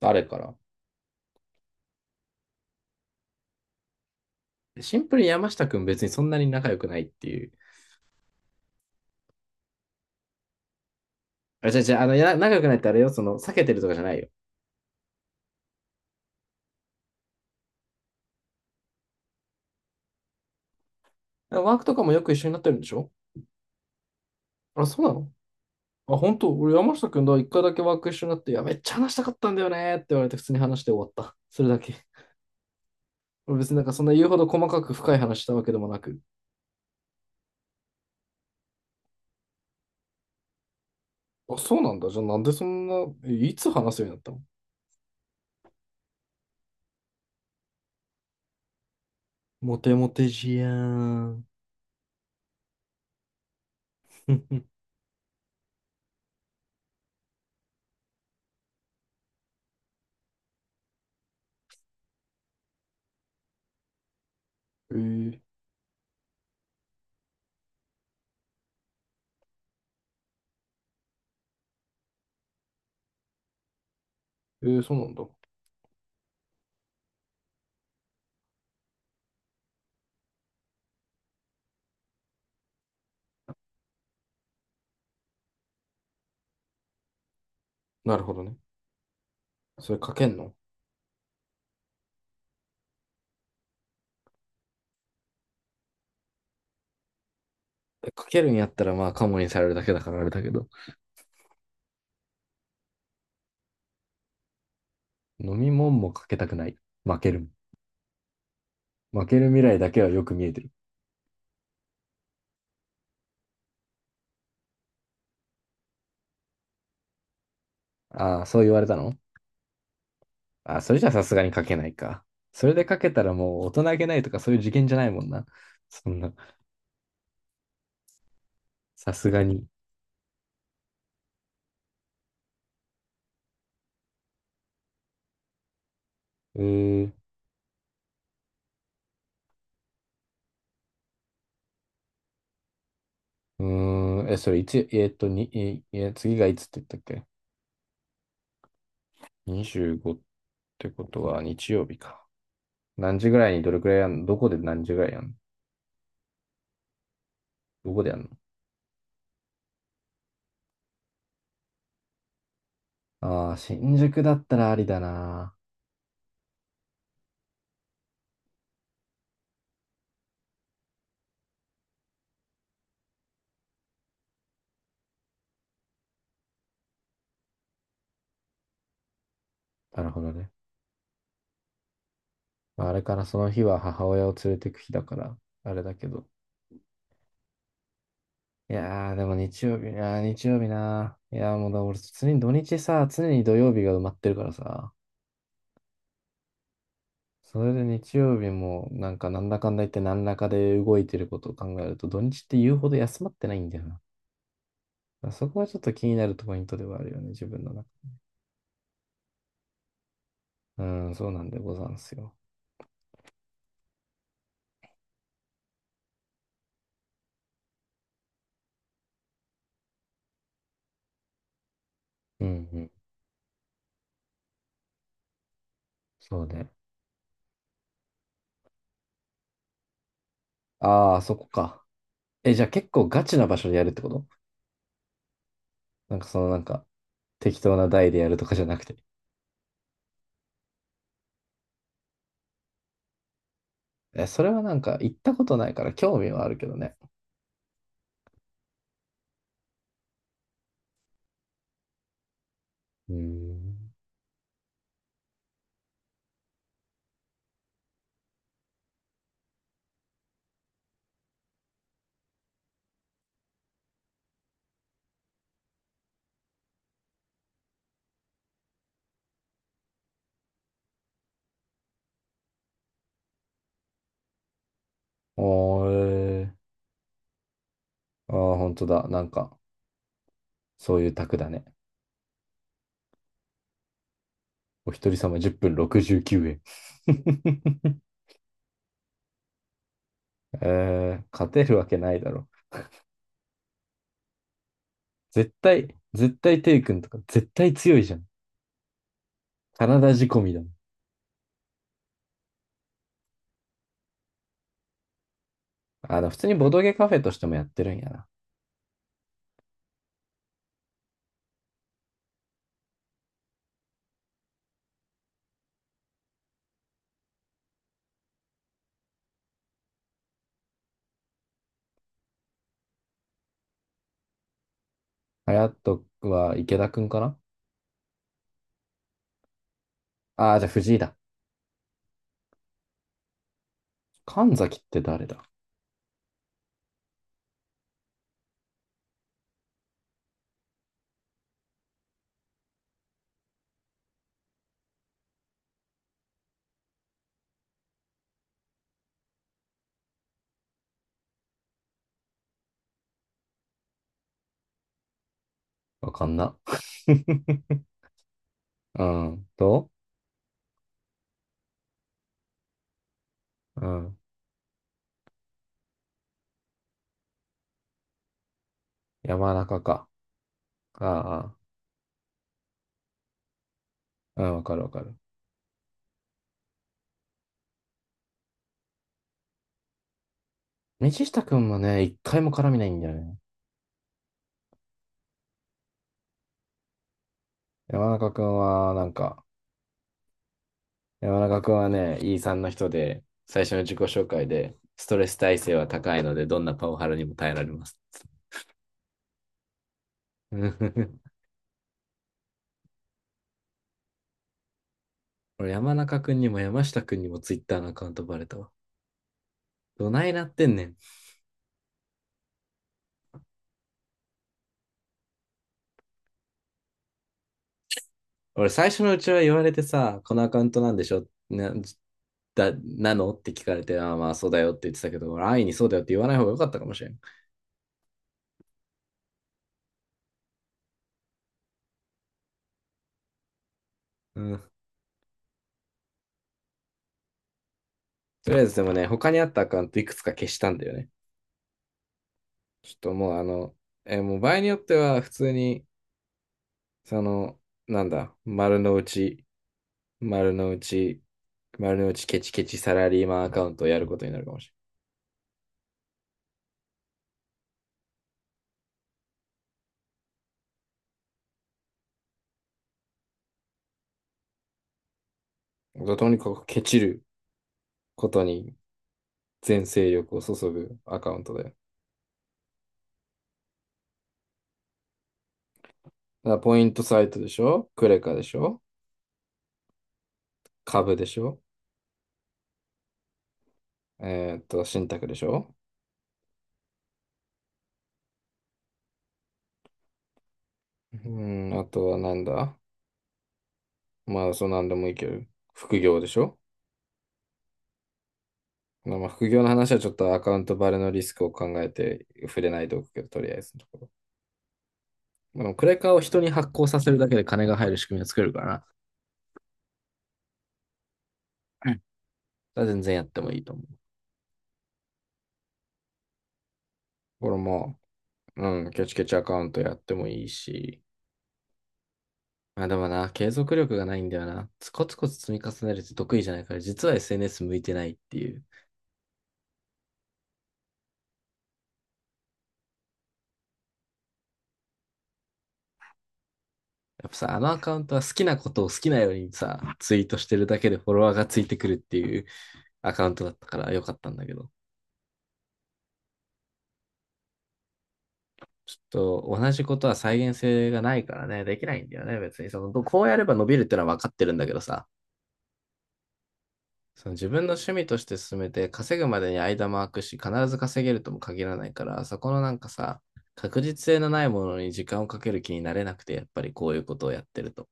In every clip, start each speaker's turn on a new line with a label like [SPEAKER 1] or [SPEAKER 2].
[SPEAKER 1] 誰から？シンプルに山下くん別にそんなに仲良くないっていう。あれ、違う違う、仲良くないってあれよ、避けてるとかじゃないよ。ワークとかもよく一緒になってるんでしょ？あ、そうなの？あ、本当？俺山下くんだ、一回だけワーク一緒になって、いや、めっちゃ話したかったんだよねって言われて普通に話して終わった。それだけ。俺別になんかそんな言うほど細かく深い話したわけでもなく。あ、そうなんだ。じゃあなんでそんな、いつ話すようになったの？モテモテじやーん。えー、えーそうなんだ。なるほどね。それ書けんの？かけるんやったらまあカモにされるだけだからあれだけど、飲み物もかけたくない。負ける。負ける未来だけはよく見えてる。ああ、そう言われたの？ああ、それじゃさすがにかけないか。それでかけたらもう大人げないとかそういう事件じゃないもんな。そんな、さすがに。うーん、それいつ、えーっと、に、え、え次がいつって言ったっけ？ 25 ってことは日曜日か。何時ぐらいにどれくらいやんの？どこで何時ぐらいやんの？どこでやんの？ああ、新宿だったらありだな。なるほどね。まあ、あれからその日は母親を連れてく日だから、あれだけど。いやー、でも日曜日、あー日曜日なー。いやー、もうだ、俺、常に土日さ、常に土曜日が埋まってるからさ、それで日曜日も、なんか、なんだかんだ言って、何らかで動いてることを考えると、土日って言うほど休まってないんだよな。だからそこはちょっと気になるポイントではあるよね、自分の中。うん、そうなんでござんすよ。うんうん、そうね。あー、そこか。え、じゃあ結構ガチな場所でやるってこと？なんか、適当な台でやるとかじゃなくて。え、それはなんか行ったことないから興味はあるけどね。うーん。おー、えー、ああ、本当だ。なんか、そういう卓だね。お一人様10分69円。えー、勝てるわけないだろ。絶対、絶対テイ君とか絶対強いじゃん。カナダ仕込みだもん。普通にボドゲカフェとしてもやってるんやな。ハヤトは池田くんかな？ああー、じゃあ藤井だ。神崎って誰だ？わかんな。うん。と、うん。山中か。ああ、あ、わかるわかる。道下くんもね、一回も絡みないんだよね。山中くんは、なんか、山中くんはね、E さんの人で、最初の自己紹介で、ストレス耐性は高いので、どんなパワハラにも耐えられます。俺、山中くんにも山下くんにも Twitter のアカウントバレたわ。どないなってんねん。俺、最初のうちは言われてさ、このアカウントなんでしょな、だ、なのって聞かれて、ああ、まあそうだよって言ってたけど、俺安易にそうだよって言わない方が良かったかもしれん。うん。とりあえずでもね、他にあったアカウントいくつか消したんだよね。ちょっともうあの、えーもう場合によっては普通に、その、なんだ、丸の内、丸の内ケチケチサラリーマンアカウントをやることになるかもしれない。とにかくケチることに全勢力を注ぐアカウントだよ。だからポイントサイトでしょ？クレカでしょ？株でしょ？信託でしょ？あとはなんだ？まあ、そうなんでもいいけど、副業でしょ？まあ、まあ副業の話はちょっとアカウントバレのリスクを考えて触れないでおくけど、とりあえずのところ。まあ、でもクレカを人に発行させるだけで金が入る仕組みを作れるからな。うん。だ全然やってもいいと思う。これも、うん、ケチケチアカウントやってもいいし。まあでもな、継続力がないんだよな。コツコツコツ積み重ねるって得意じゃないから、実は SNS 向いてないっていう。やっぱさ、あのアカウントは好きなことを好きなようにさ、ツイートしてるだけでフォロワーがついてくるっていうアカウントだったからよかったんだけど。ちょっと同じことは再現性がないからね、できないんだよね、別に。その、こうやれば伸びるってのは分かってるんだけどさ、その自分の趣味として進めて稼ぐまでに間も空くし、必ず稼げるとも限らないから、そこのなんかさ、確実性のないものに時間をかける気になれなくて、やっぱりこういうことをやってると。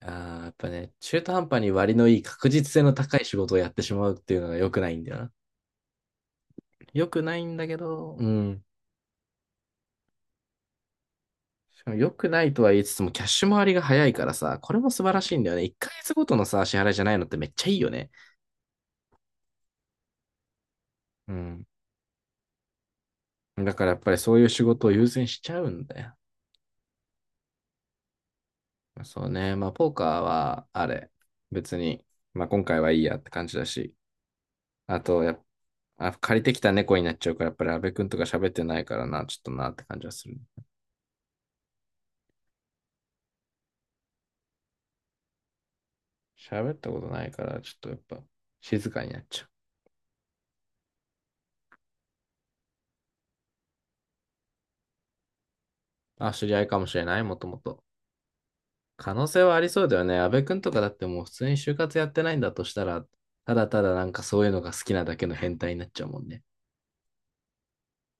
[SPEAKER 1] あーやっぱね、中途半端に割のいい確実性の高い仕事をやってしまうっていうのが良くないんだよな。良くないんだけど、うん。しかも良くないとは言いつつも、キャッシュ回りが早いからさ、これも素晴らしいんだよね。1ヶ月ごとのさ、支払いじゃないのってめっちゃいいよね。うん。だからやっぱりそういう仕事を優先しちゃうんだよ。そうね。まあ、ポーカーは、あれ、別に、まあ今回はいいやって感じだし、あとやっぱあ、借りてきた猫になっちゃうから、やっぱり阿部くんとか喋ってないからな、ちょっとなって感じはする。喋ったことないから、ちょっとやっぱ静かになっちゃう。あ、知り合いかもしれない、もともと。可能性はありそうだよね。安部君とかだってもう普通に就活やってないんだとしたら、ただただなんかそういうのが好きなだけの変態になっちゃうもんね。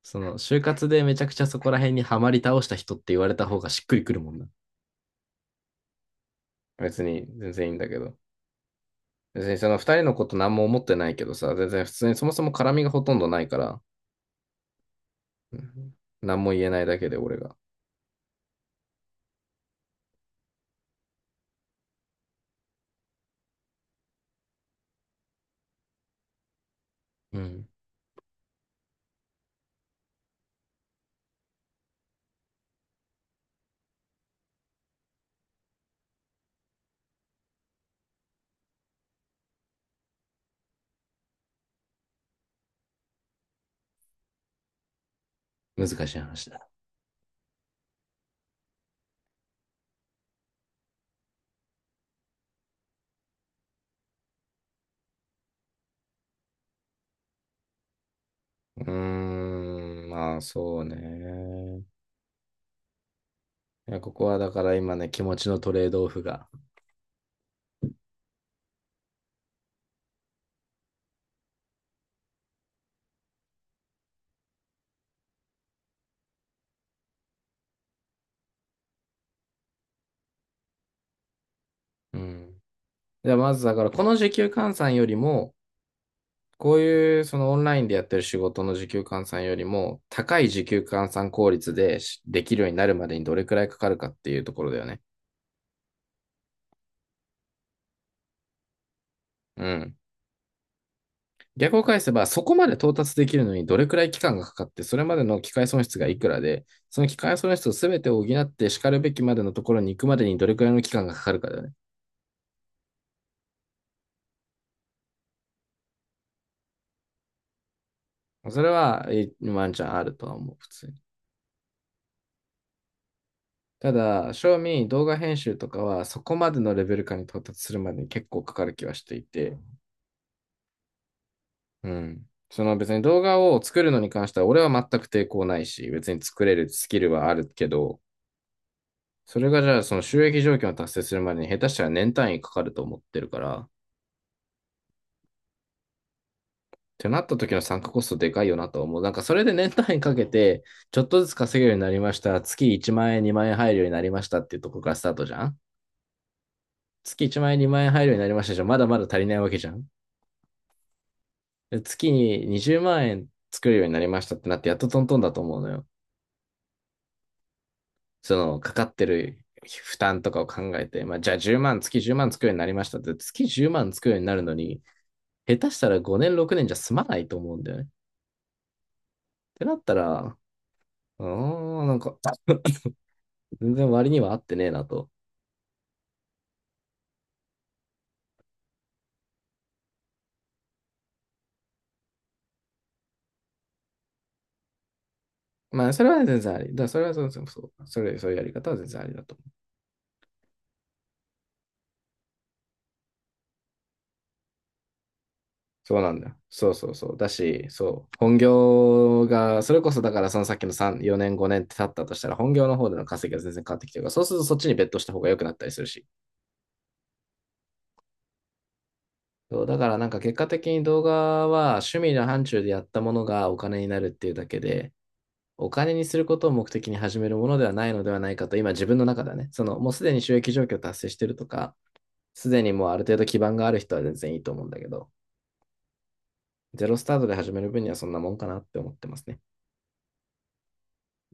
[SPEAKER 1] その就活でめちゃくちゃそこら辺にはまり倒した人って言われた方がしっくりくるもんな。別に全然いいんだけど。別にその二人のこと何も思ってないけどさ、全然普通にそもそも絡みがほとんどないから、うん、何も言えないだけで俺が。うん。難しい話だ。うーん、まあそうね。いや、ここはだから今ね、気持ちのトレードオフが。うん。じゃあまずだから、この時給換算よりも、こういうそのオンラインでやってる仕事の時給換算よりも、高い時給換算効率できるようになるまでにどれくらいかかるかっていうところだよね。うん。逆を返せば、そこまで到達できるのにどれくらい期間がかかって、それまでの機械損失がいくらで、その機械損失を全て補ってしかるべきまでのところに行くまでにどれくらいの期間がかかるかだよね。それは、ワンチャンあるとは思う、普通に。ただ、正味動画編集とかはそこまでのレベル感に到達するまでに結構かかる気はしていて、うん。その別に動画を作るのに関しては俺は全く抵抗ないし、別に作れるスキルはあるけど、それがじゃあその収益条件を達成するまでに下手したら年単位かかると思ってるから、ってなった時の参加コストでかいよなとは思う。なんかそれで年単位かけて、ちょっとずつ稼げるようになりました。月1万円、2万円入るようになりましたっていうところからスタートじゃん？月1万円、2万円入るようになりましたじゃん。まだまだ足りないわけじゃん。で月に20万円作るようになりましたってなって、やっとトントンだと思うのよ。その、かかってる負担とかを考えて、まあ、じゃあ1万、月10万作るようになりましたって、月10万作るようになるのに、下手したら5年、6年じゃ済まないと思うんだよね。ってなったら、うーん、なんか、全然割には合ってねえなと。まあ、それは全然あり。だからそれはそうそうそう。それ、そういうやり方は全然ありだと。そうなんだよ。そうそうそう。だし、そう。本業が、それこそだからそのさっきの3、4年、5年って経ったとしたら、本業の方での稼ぎが全然変わってきてるから、そうするとそっちにベットした方が良くなったりするし。そう、だからなんか結果的に動画は趣味の範疇でやったものがお金になるっていうだけで、お金にすることを目的に始めるものではないのではないかと、今自分の中ではね、そのもうすでに収益状況達成してるとか、すでにもうある程度基盤がある人は全然いいと思うんだけど、ゼロスタートで始める分にはそんなもんかなって思ってますね。